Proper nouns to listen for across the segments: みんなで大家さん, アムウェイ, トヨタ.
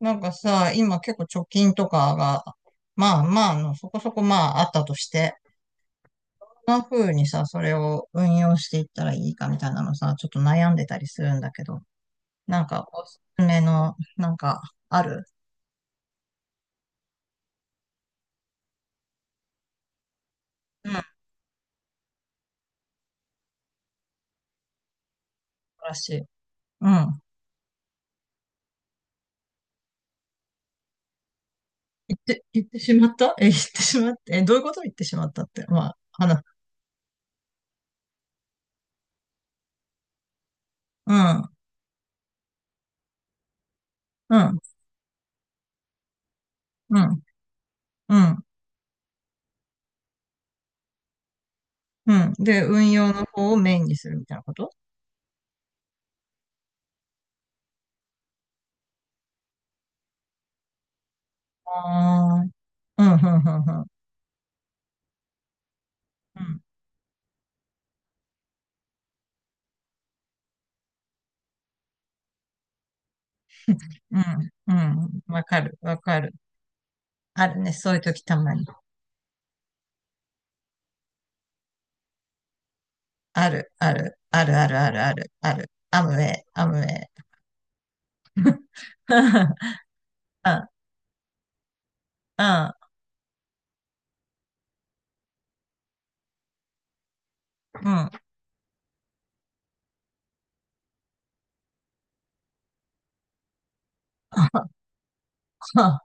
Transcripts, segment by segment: なんかさ、今結構貯金とかが、まあまあそこそこまああったとして、こんな風にさ、それを運用していったらいいかみたいなのさ、ちょっと悩んでたりするんだけど、なんかおすすめの、なんか、ある？うん。素晴らしい。うん。言ってしまった？え、言ってしまって、え、どういうこと？言ってしまったって。まあ、話。うん、うん、うん、うん、うん。で、運用の方をメインにするみたいなこと？ああー、うん、うん、うん、うん。うん。うん、うん、わかる、わかる。あるね、そういう時たまに。ある、ある、ある、ある、ある、ある、ある。アムウェイ、アムウェイ。あ、あ、うん。うん、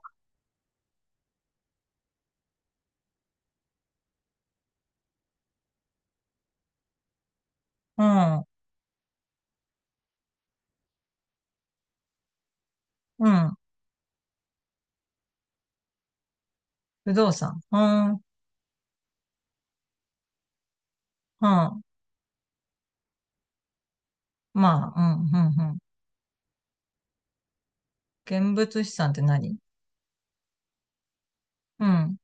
うん、うん。不動産。うん、うん。まあ、うん、うん、うん。現物資産って何？うん。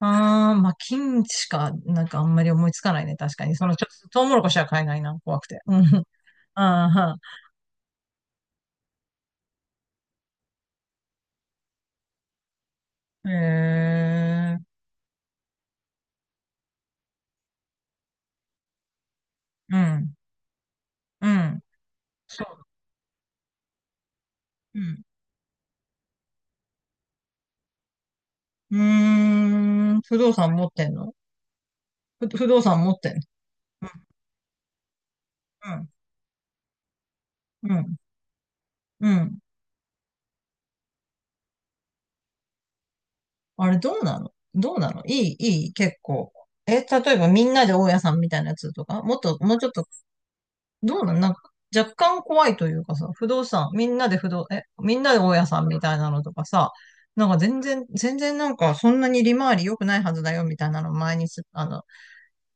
ああ、まあ、金しか、なんかあんまり思いつかないね、確かに。その、ちょっと、トウモロコシは買えないな、怖くて。うん。ああ、へえ。うん、うん、そう。うん。うーん、不動産持ってんの？不動産持ってんの？うん、うん、うん。うん。あれどうなの？どうなの？いい、いい、結構？え、例えばみんなで大家さんみたいなやつとかもっと、もうちょっと、どうなの？なんか、若干怖いというかさ、不動産、みんなで大家さんみたいなのとかさ、なんか全然、全然なんかそんなに利回り良くないはずだよみたいなの前にあの、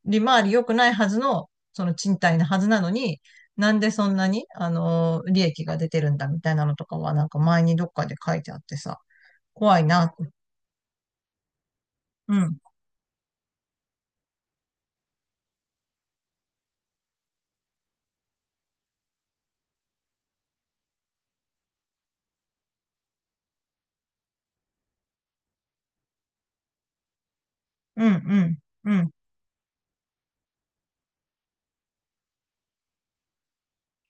利回り良くないはずの、その賃貸なはずなのに、なんでそんなに、利益が出てるんだみたいなのとかは、なんか前にどっかで書いてあってさ、怖いな。うん、うん、うん、うん、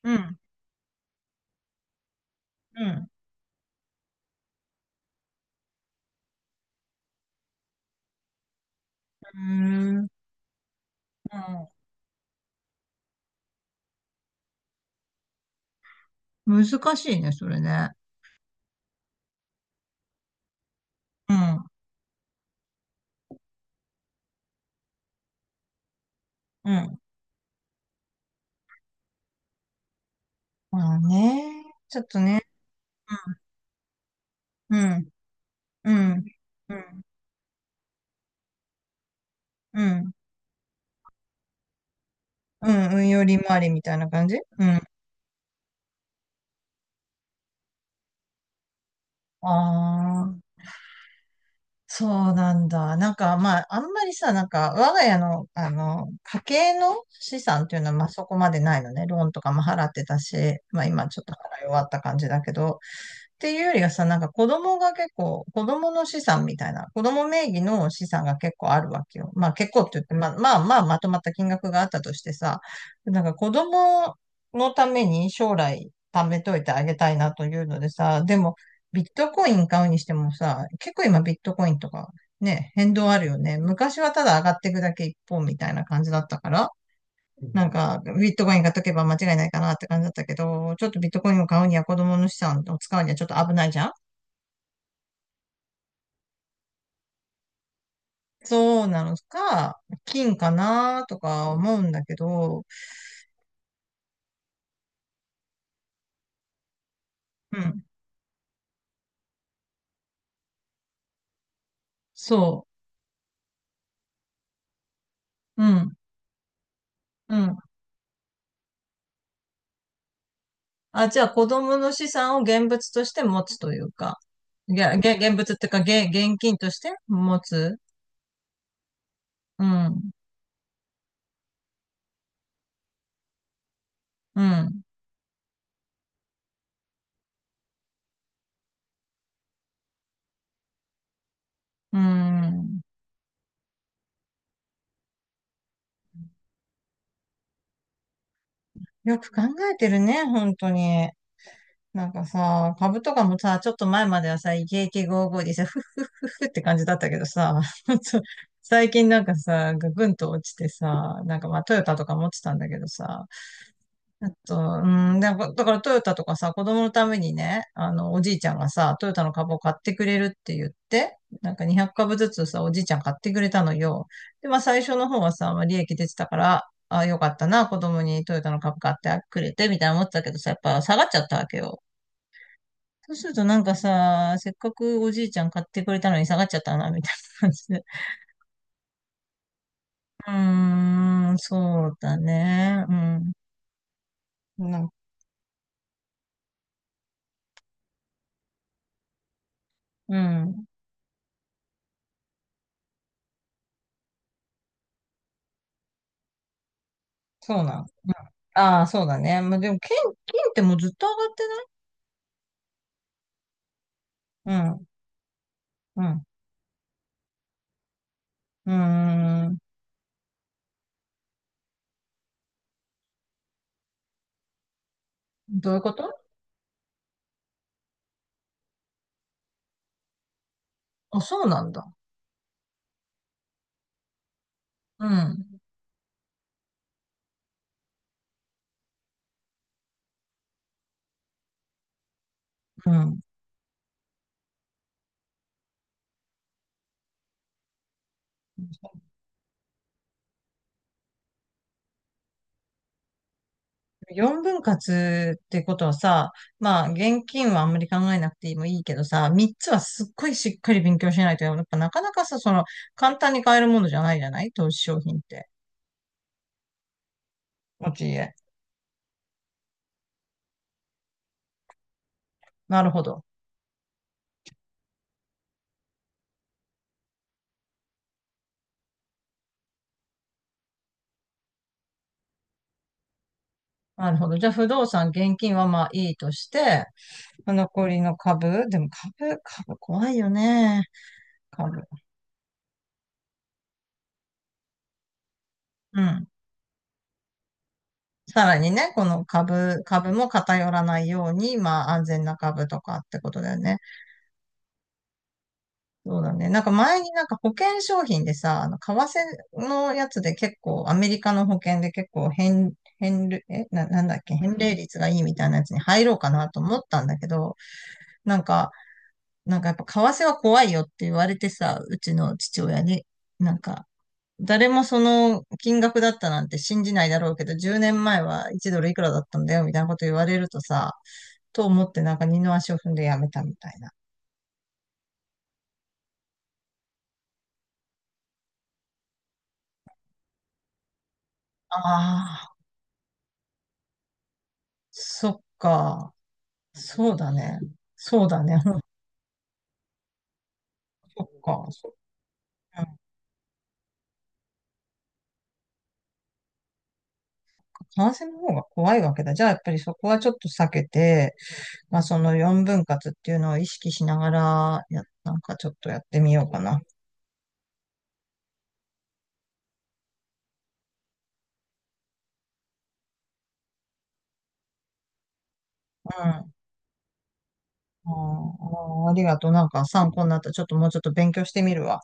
うん、うん。うーん、うん。難しいね、それね。うん、うん。まあね、ちょっとね。うん、うん、うん、うん、うん、うん。運用利回りみたいな感じ。うん。ああ。そうなんだ。なんか、まあ、あんまりさ、なんか、我が家の、家計の資産っていうのは、まあ、そこまでないのね。ローンとかも払ってたし、まあ、今ちょっと払い終わった感じだけど、っていうよりはさ、なんか子供が結構、子供の資産みたいな、子供名義の資産が結構あるわけよ。まあ結構って言って、まあまあまあまとまった金額があったとしてさ、なんか子供のために将来貯めといてあげたいなというのでさ、でもビットコイン買うにしてもさ、結構今ビットコインとかね、変動あるよね。昔はただ上がっていくだけ一方みたいな感じだったから、なんか、ビットコインが解けば間違いないかなって感じだったけど、ちょっとビットコインを買うには子供の資産を使うにはちょっと危ないじゃん。そうなのか、金かなとか思うんだけど、うん、そう、うん、うん。あ、じゃあ子供の資産を現物として持つというか、いや、現物っていうか、現金として持つ。うん、うん、うん。よく考えてるね、本当に。なんかさ、株とかもさ、ちょっと前まではさ、イケイケゴーゴーでさ、フッフッフッフッって感じだったけどさ、ちょ最近なんかさ、ぐんと落ちてさ、なんかまあトヨタとか持ってたんだけどさ、あと、うん、なんかだからトヨタとかさ、子供のためにね、おじいちゃんがさ、トヨタの株を買ってくれるって言って、なんか200株ずつさ、おじいちゃん買ってくれたのよ。で、まあ最初の方はさ、まあ利益出てたから、あ、よかったな、子供にトヨタの株買ってくれて、みたいな思ってたけどさ、やっぱ下がっちゃったわけよ。そうするとなんかさ、せっかくおじいちゃん買ってくれたのに下がっちゃったな、みたいな感じで。うーん、そうだね。うん。なんうん。そうなん。うん。ああ、そうだね。まあ、でも、金、金ってもうずっと上がってない？うん、うん。うーん。どういうこと？あ、そうなんだ。うん、うん。4分割ってことはさ、まあ現金はあんまり考えなくてもいいけどさ、3つはすっごいしっかり勉強しないと、やっぱなかなかさ、その簡単に買えるものじゃないじゃない、投資商品って。持ち家。なるほど。なるほど。じゃあ不動産、現金はまあいいとして、残りの株、でも株、株怖いよね。株。うん。さらにね、この株、株も偏らないように、まあ安全な株とかってことだよね。そうだね。なんか前になんか保険商品でさ、為替のやつで結構、アメリカの保険で結構変る、なんだっけ、返礼率がいいみたいなやつに入ろうかなと思ったんだけど、なんか、なんかやっぱ為替は怖いよって言われてさ、うちの父親に、なんか、誰もその金額だったなんて信じないだろうけど、10年前は1ドルいくらだったんだよみたいなこと言われるとさ、と思ってなんか二の足を踏んでやめたみたいな。ああ、そっか。そうだね。そうだね。うん。そっか。そ。うん。感染の方が怖いわけだ。じゃあ、やっぱりそこはちょっと避けて、まあ、その4分割っていうのを意識しながら、や、なんかちょっとやってみようかな。うん。あー、あー、ありがとう。なんか参考になった。ちょっともうちょっと勉強してみるわ。